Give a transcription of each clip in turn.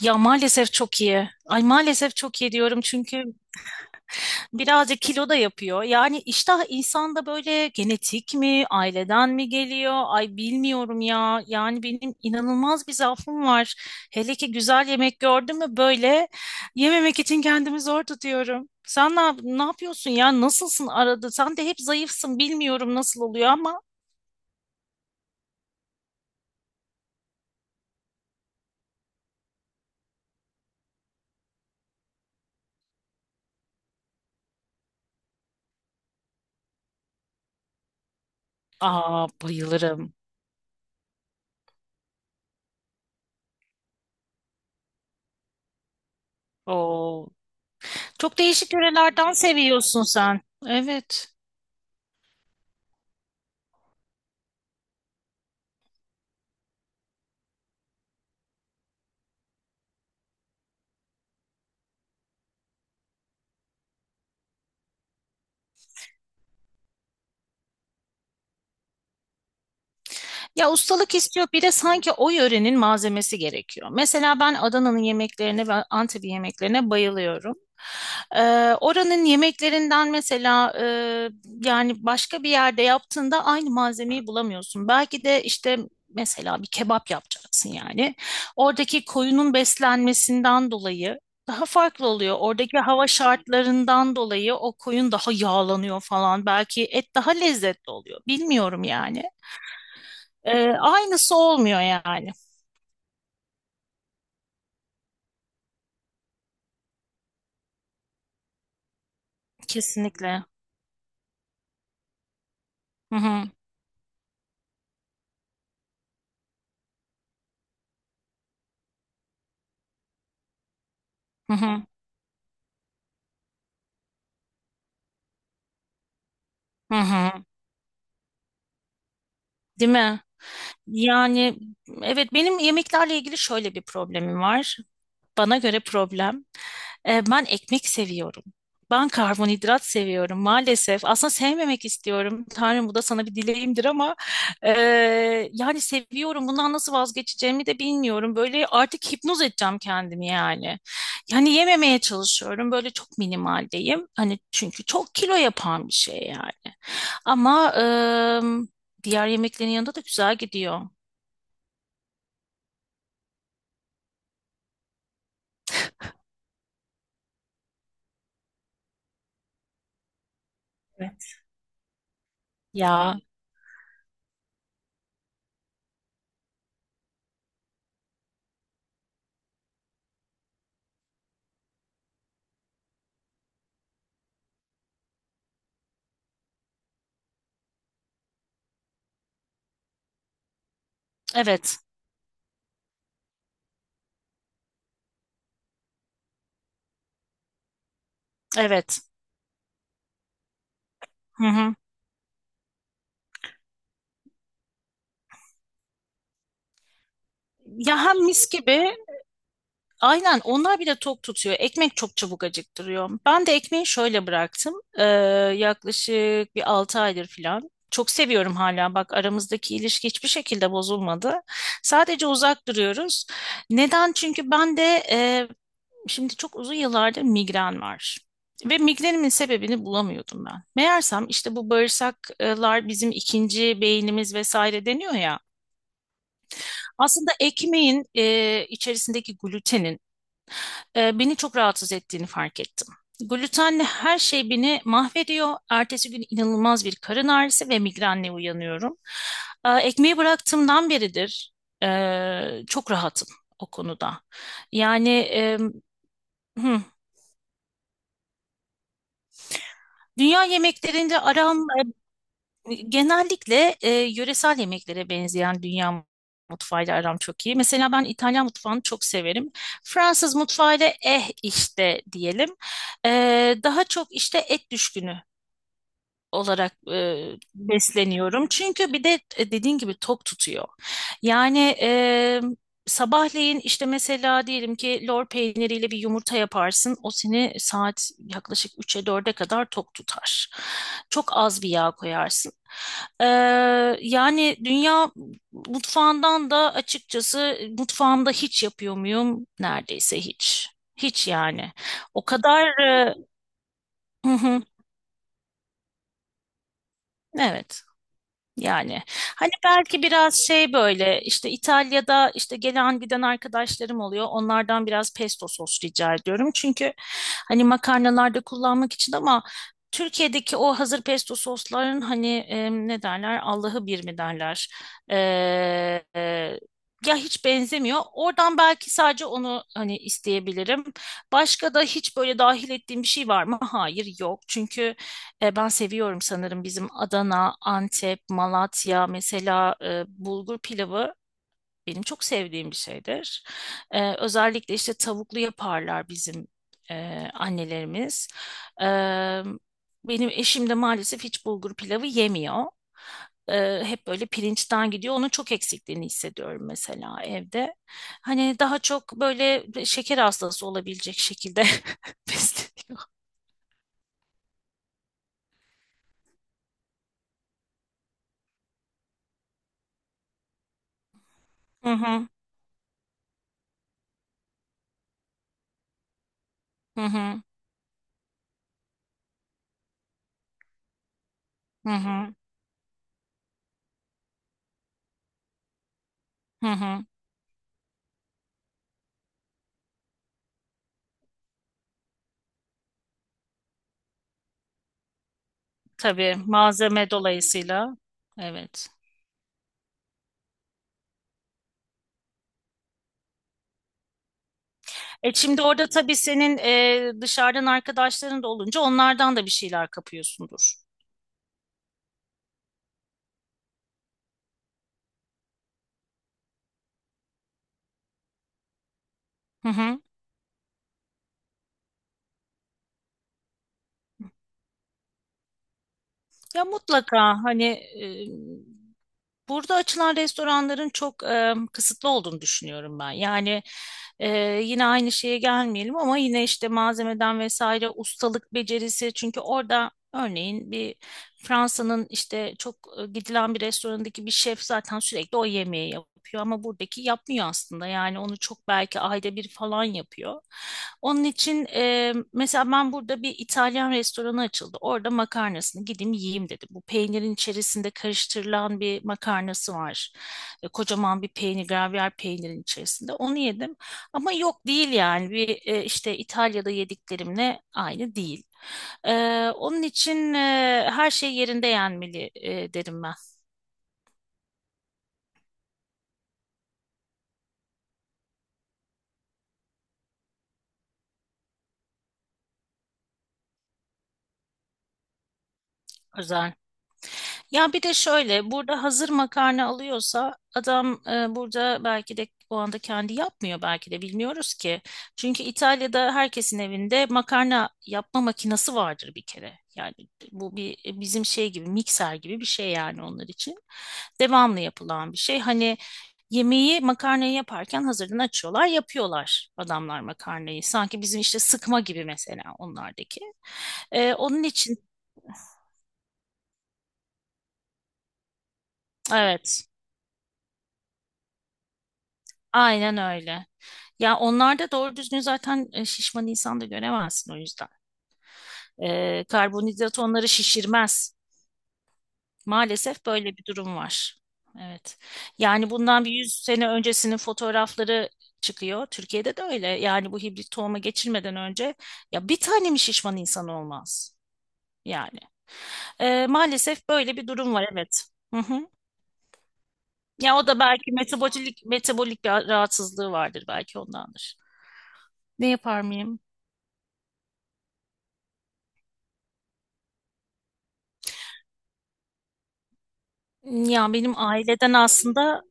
Ya maalesef çok iyi. Ay maalesef çok iyi diyorum çünkü birazcık kilo da yapıyor. Yani iştah insanda böyle genetik mi, aileden mi geliyor? Ay bilmiyorum ya. Yani benim inanılmaz bir zaafım var. Hele ki güzel yemek gördüm mü böyle yememek için kendimi zor tutuyorum. Sen ne, ne yapıyorsun ya? Nasılsın arada? Sen de hep zayıfsın. Bilmiyorum nasıl oluyor ama. Aa bayılırım. Oo. Çok değişik yörelerden seviyorsun sen. Evet. Ya ustalık istiyor bir de sanki o yörenin malzemesi gerekiyor. Mesela ben Adana'nın yemeklerine ve Antep'in yemeklerine bayılıyorum. Ee, oranın yemeklerinden mesela yani başka bir yerde yaptığında aynı malzemeyi bulamıyorsun. Belki de işte mesela bir kebap yapacaksın yani. Oradaki koyunun beslenmesinden dolayı daha farklı oluyor. Oradaki hava şartlarından dolayı o koyun daha yağlanıyor falan. Belki et daha lezzetli oluyor. Bilmiyorum yani. Aynısı olmuyor yani. Kesinlikle. Hı hı, hı hı, hı hı. Değil mi? Yani evet, benim yemeklerle ilgili şöyle bir problemim var. Bana göre problem. Ben ekmek seviyorum. Ben karbonhidrat seviyorum maalesef. Aslında sevmemek istiyorum. Tanrım bu da sana bir dileğimdir, ama e, yani seviyorum. Bundan nasıl vazgeçeceğimi de bilmiyorum. Böyle artık hipnoz edeceğim kendimi yani. Yani yememeye çalışıyorum. Böyle çok minimaldeyim. Hani çünkü çok kilo yapan bir şey yani. Ama diğer yemeklerin yanında da güzel gidiyor. Evet. Ya evet, evet. Hı hı. Ya hem mis gibi aynen, onlar bile tok tutuyor. Ekmek çok çabuk acıktırıyor. Ben de ekmeği şöyle bıraktım. Yaklaşık bir 6 aydır falan. Çok seviyorum hala. Bak, aramızdaki ilişki hiçbir şekilde bozulmadı. Sadece uzak duruyoruz. Neden? Çünkü ben de e, şimdi çok uzun yıllardır migren var. Ve migrenimin sebebini bulamıyordum ben. Meğersem işte bu bağırsaklar bizim ikinci beynimiz vesaire deniyor ya. Aslında ekmeğin içerisindeki glutenin beni çok rahatsız ettiğini fark ettim. Glutenle her şey beni mahvediyor. Ertesi gün inanılmaz bir karın ağrısı ve migrenle uyanıyorum. Ekmeği bıraktığımdan beridir çok rahatım o konuda. Yani hı, dünya yemeklerinde aram. Genellikle yöresel yemeklere benzeyen dünya mutfağıyla aram çok iyi. Mesela ben İtalyan mutfağını çok severim. Fransız mutfağıyla eh işte diyelim. E, daha çok işte et düşkünü olarak besleniyorum. Çünkü bir de dediğin gibi tok tutuyor. Yani sabahleyin işte mesela diyelim ki lor peyniriyle bir yumurta yaparsın. O seni saat yaklaşık 3'e 4'e kadar tok tutar. Çok az bir yağ koyarsın. E, yani dünya mutfağından da açıkçası mutfağımda hiç yapıyor muyum? Neredeyse hiç. Hiç yani. O kadar... hı hı, evet. Yani hani belki biraz şey, böyle işte İtalya'da işte gelen giden arkadaşlarım oluyor. Onlardan biraz pesto sos rica ediyorum. Çünkü hani makarnalarda kullanmak için, ama Türkiye'deki o hazır pesto sosların hani ne derler, Allah'ı bir mi derler. E, e, ya hiç benzemiyor. Oradan belki sadece onu hani isteyebilirim. Başka da hiç böyle dahil ettiğim bir şey var mı? Hayır, yok. Çünkü ben seviyorum sanırım bizim Adana, Antep, Malatya mesela bulgur pilavı benim çok sevdiğim bir şeydir. Özellikle işte tavuklu yaparlar bizim annelerimiz. E, benim eşim de maalesef hiç bulgur pilavı yemiyor. Hep böyle pirinçten gidiyor. Onun çok eksikliğini hissediyorum mesela evde. Hani daha çok böyle şeker hastası olabilecek şekilde besleniyor. Hı hı, hı hı, hı hı, hı hı. Tabii, malzeme dolayısıyla. Evet. E şimdi orada tabii senin dışarıdan arkadaşların da olunca onlardan da bir şeyler kapıyorsundur. Hı hı. Ya mutlaka hani e, burada açılan restoranların çok kısıtlı olduğunu düşünüyorum ben. Yani e, yine aynı şeye gelmeyelim ama yine işte malzemeden vesaire, ustalık becerisi, çünkü orada örneğin bir Fransa'nın işte çok gidilen bir restorandaki bir şef zaten sürekli o yemeği yapıyor ama buradaki yapmıyor aslında. Yani onu çok, belki ayda bir falan yapıyor. Onun için mesela ben, burada bir İtalyan restoranı açıldı. Orada makarnasını gideyim yiyeyim dedim. Bu peynirin içerisinde karıştırılan bir makarnası var. Kocaman bir peynir, gravyer peynirin içerisinde. Onu yedim. Ama yok, değil yani, bir işte İtalya'da yediklerimle aynı değil. Onun için her şey yerinde yenmeli derim ben, özel. Ya bir de şöyle, burada hazır makarna alıyorsa adam burada belki de o anda kendi yapmıyor, belki de bilmiyoruz ki. Çünkü İtalya'da herkesin evinde makarna yapma makinesi vardır bir kere. Yani bu bir bizim şey gibi, mikser gibi bir şey yani onlar için. Devamlı yapılan bir şey. Hani yemeği, makarnayı yaparken hazırdan açıyorlar, yapıyorlar adamlar makarnayı. Sanki bizim işte sıkma gibi mesela onlardaki. Onun için evet, aynen öyle. Ya onlarda doğru düzgün zaten şişman insan da göremezsin o yüzden. Karbonhidrat onları şişirmez. Maalesef böyle bir durum var. Evet. Yani bundan bir 100 sene öncesinin fotoğrafları çıkıyor. Türkiye'de de öyle. Yani bu hibrit tohuma geçirmeden önce ya bir tane mi şişman insan olmaz? Yani. Maalesef böyle bir durum var, evet. Hı hı. Ya o da belki metabolik bir rahatsızlığı vardır, belki ondandır. Ne yapar mıyım? Ya benim, aileden aslında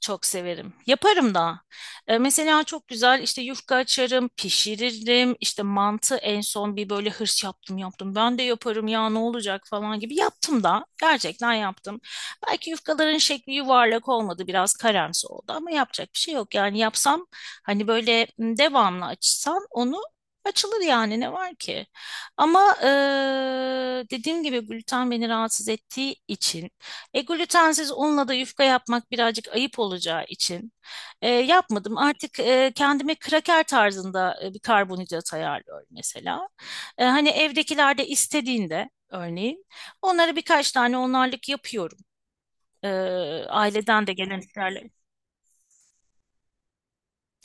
çok severim. Yaparım da. Mesela çok güzel işte yufka açarım, pişiririm. İşte mantı en son bir böyle hırs yaptım, yaptım. Ben de yaparım ya, ne olacak falan gibi yaptım da. Gerçekten yaptım. Belki yufkaların şekli yuvarlak olmadı, biraz karamsı oldu, ama yapacak bir şey yok. Yani yapsam, hani böyle devamlı açsam, onu açılır yani, ne var ki? Ama dediğim gibi gluten beni rahatsız ettiği için glutensiz unla da yufka yapmak birazcık ayıp olacağı için yapmadım. Artık kendime kraker tarzında bir karbonhidrat ayarlıyorum mesela. Hani evdekiler de istediğinde örneğin onlara birkaç tane onlarlık yapıyorum. E, aileden de gelen isterler.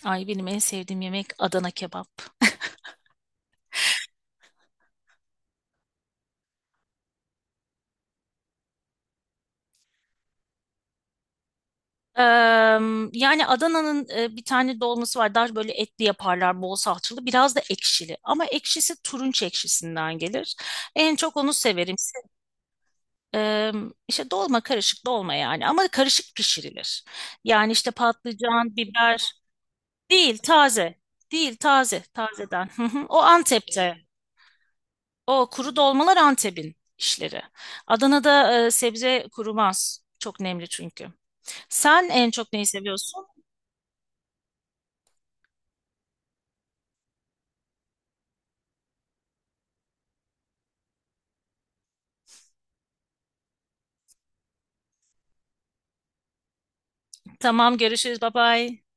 Ay, benim en sevdiğim yemek Adana kebap. E, yani Adana'nın bir tane dolması var. Daha böyle etli yaparlar, bol salçalı, biraz da ekşili. Ama ekşisi turunç ekşisinden gelir. En çok onu severim. Ee, işte dolma, karışık dolma yani, ama karışık pişirilir. Yani işte patlıcan, biber, değil taze. Değil taze, tazeden. Hı hı. O Antep'te. O kuru dolmalar Antep'in işleri. Adana'da sebze kurumaz. Çok nemli çünkü. Sen en çok neyi seviyorsun? Tamam, görüşürüz. Bye bye.